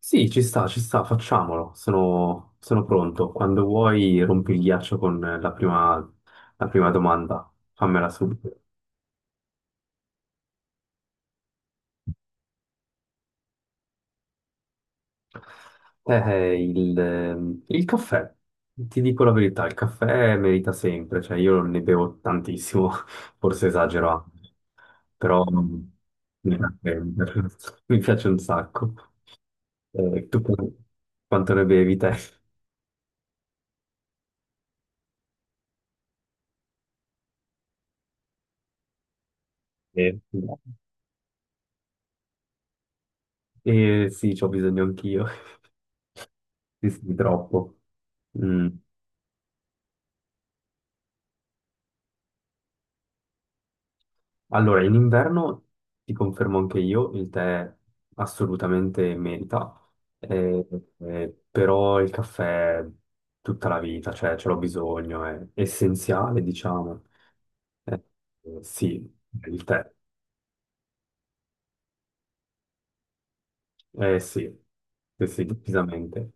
Sì, ci sta, facciamolo. Sono pronto. Quando vuoi rompi il ghiaccio con la prima domanda. Fammela subito. Eh, il caffè. Ti dico la verità, il caffè merita sempre, cioè io ne bevo tantissimo, forse esagero anche, però mm, mi piace, mi piace un sacco. Tu quanto ne bevi te? Eh, sì, c'ho bisogno anch'io. Sì, sì, troppo. Mm. Allora, in inverno ti confermo anche io, il tè assolutamente merita, eh, però il caffè tutta la vita, cioè ce l'ho bisogno, è essenziale, diciamo. Eh, sì, il tè, eh sì, sì, sì, decisamente.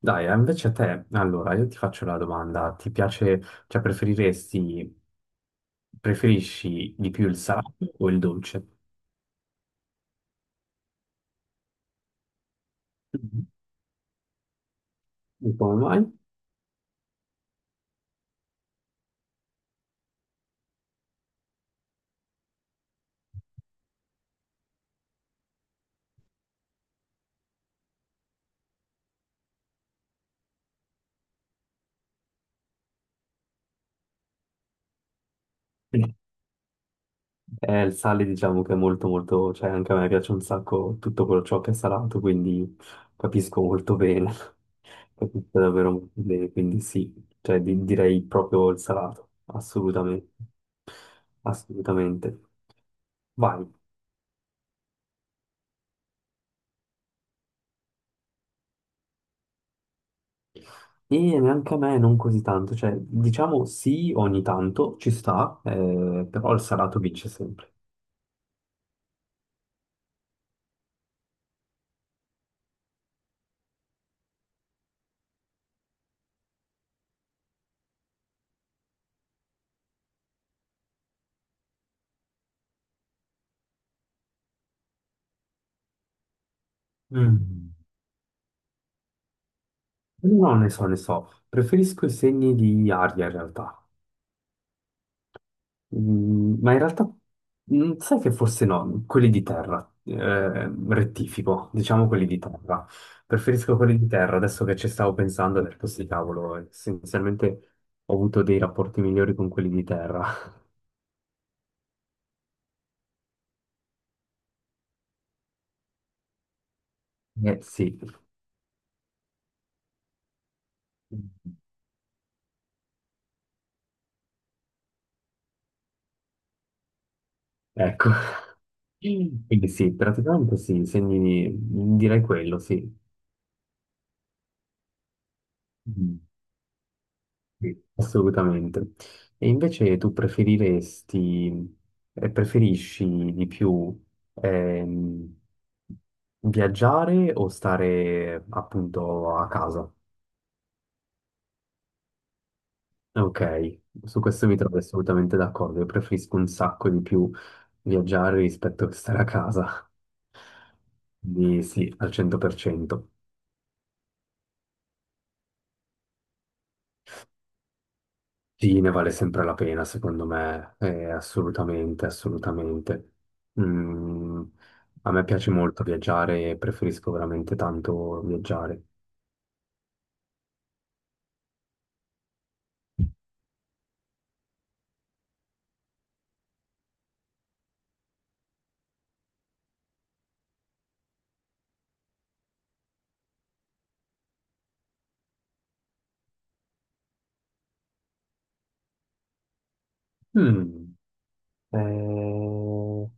Dai, invece a te, allora, io ti faccio la domanda, ti piace, cioè preferiresti, preferisci di più il salato o il dolce? E come mai? Sì. Il sale diciamo che è molto molto, cioè anche a me piace un sacco tutto quello ciò che è salato, quindi capisco molto bene, capisco davvero molto bene, quindi sì, cioè direi proprio il salato, assolutamente, assolutamente. Vai, e neanche a me non così tanto, cioè diciamo sì ogni tanto ci sta, però il salato vince sempre. Mm. No, ne so, ne so, preferisco i segni di aria in realtà. Mm, ma in realtà sai che forse no, quelli di terra, rettifico, diciamo quelli di terra. Preferisco quelli di terra, adesso che ci stavo pensando, ho detto sì, cavolo, essenzialmente ho avuto dei rapporti migliori con quelli di terra. Eh sì, ecco, quindi sì, praticamente sì, segni, direi quello, sì. Mm. Sì, assolutamente. E invece tu preferiresti, preferisci di più ehm, viaggiare o stare appunto a casa? Ok, su questo mi trovo assolutamente d'accordo. Io preferisco un sacco di più viaggiare rispetto che stare a casa. Quindi sì, al 100%. Sì, ne vale sempre la pena, secondo me, assolutamente, assolutamente. Mm, a me piace molto viaggiare e preferisco veramente tanto viaggiare. Mm, eh,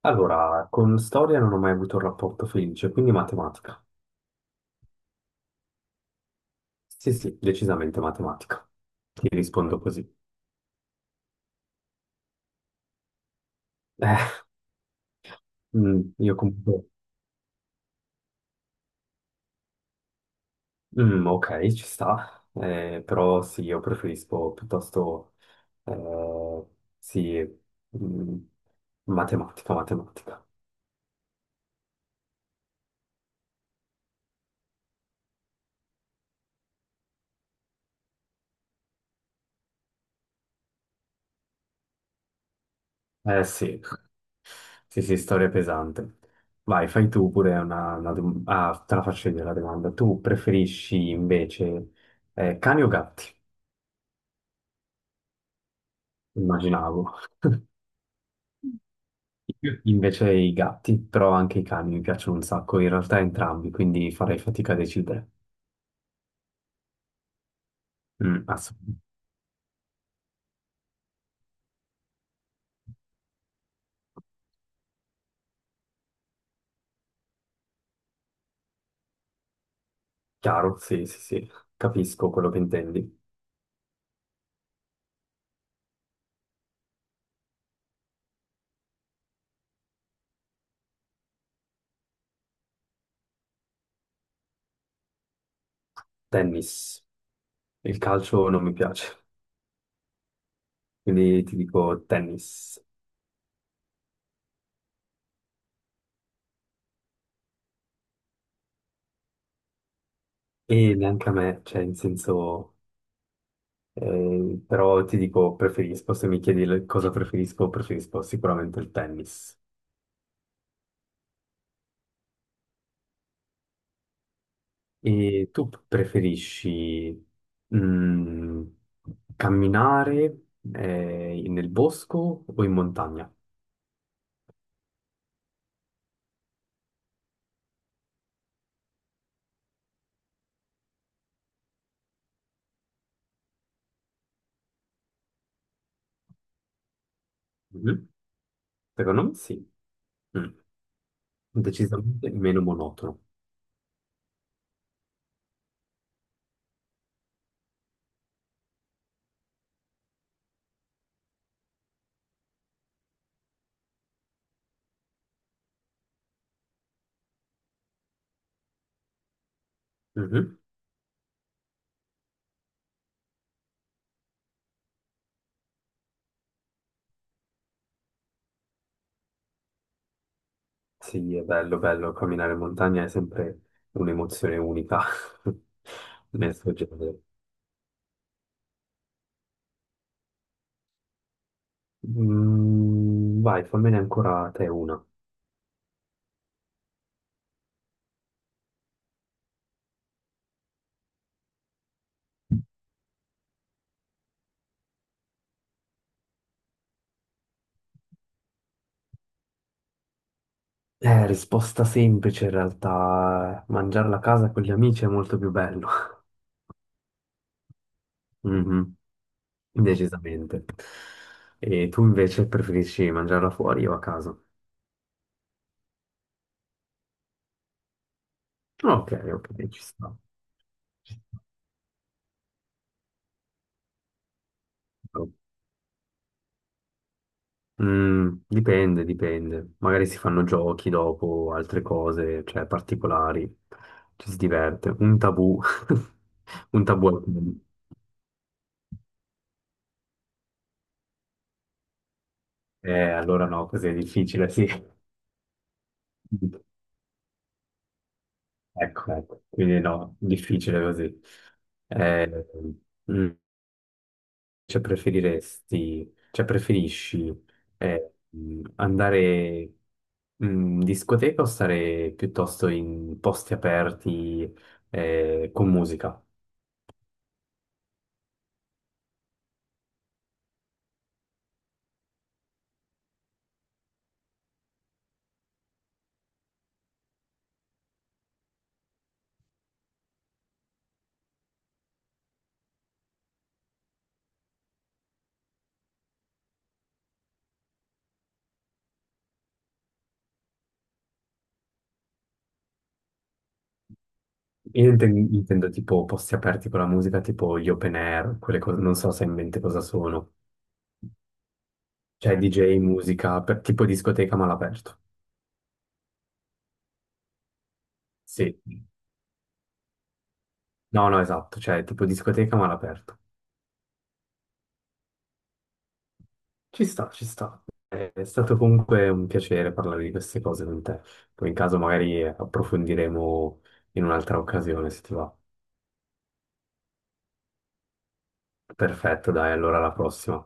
allora, con storia non ho mai avuto un rapporto felice, quindi matematica. Sì, sì, decisamente matematica. Ti rispondo così. Io comunque. Mm, ok, ci sta. Però sì, io preferisco piuttosto, eh, sì, mm, matematica, matematica. Eh sì, sì, sì, storia pesante. Vai, fai tu pure una ah, te la faccio io la domanda. Tu preferisci invece cani o gatti? Immaginavo. Io invece i gatti, però anche i cani mi piacciono un sacco, in realtà entrambi, quindi farei fatica a decidere. Mm, assolutamente. Chiaro, sì, sì, sì, capisco quello che intendi. Tennis. Il calcio non mi piace, quindi ti dico tennis. E neanche a me, cioè, in senso, però ti dico preferisco, se mi chiedi cosa preferisco, preferisco sicuramente il tennis. E tu preferisci mm, camminare nel bosco o in montagna? Mhm. Secondo me sì. Mm. Decisamente meno monotono. Mhm. Sì, è bello, bello, camminare in montagna è sempre un'emozione unica nel suo genere. Mm, vai, fammene ancora te una. Risposta semplice in realtà, mangiarla a casa con gli amici è molto più bello. Mhm, decisamente. E tu invece preferisci mangiarla fuori o a casa? Ok, ok, ci sta. Mm, dipende, dipende. Magari si fanno giochi dopo, altre cose, cioè particolari. Ci si diverte. Un tabù. Un tabù al mondo. Allora no, così è difficile, sì. Ecco, ecco. Quindi no, difficile così. Eh, mm, cioè preferiresti, cioè preferisci eh, andare in discoteca o stare piuttosto in posti aperti con musica? Io intendo tipo posti aperti con la musica, tipo gli open air, quelle cose, non so se hai in mente cosa sono. Cioè DJ, musica, tipo discoteca ma all'aperto. Sì. No, no, esatto, cioè tipo discoteca ma all'aperto. Ci sta, ci sta. È stato comunque un piacere parlare di queste cose con te. Poi in caso magari approfondiremo in un'altra occasione, se ti va. Perfetto, dai, allora alla prossima.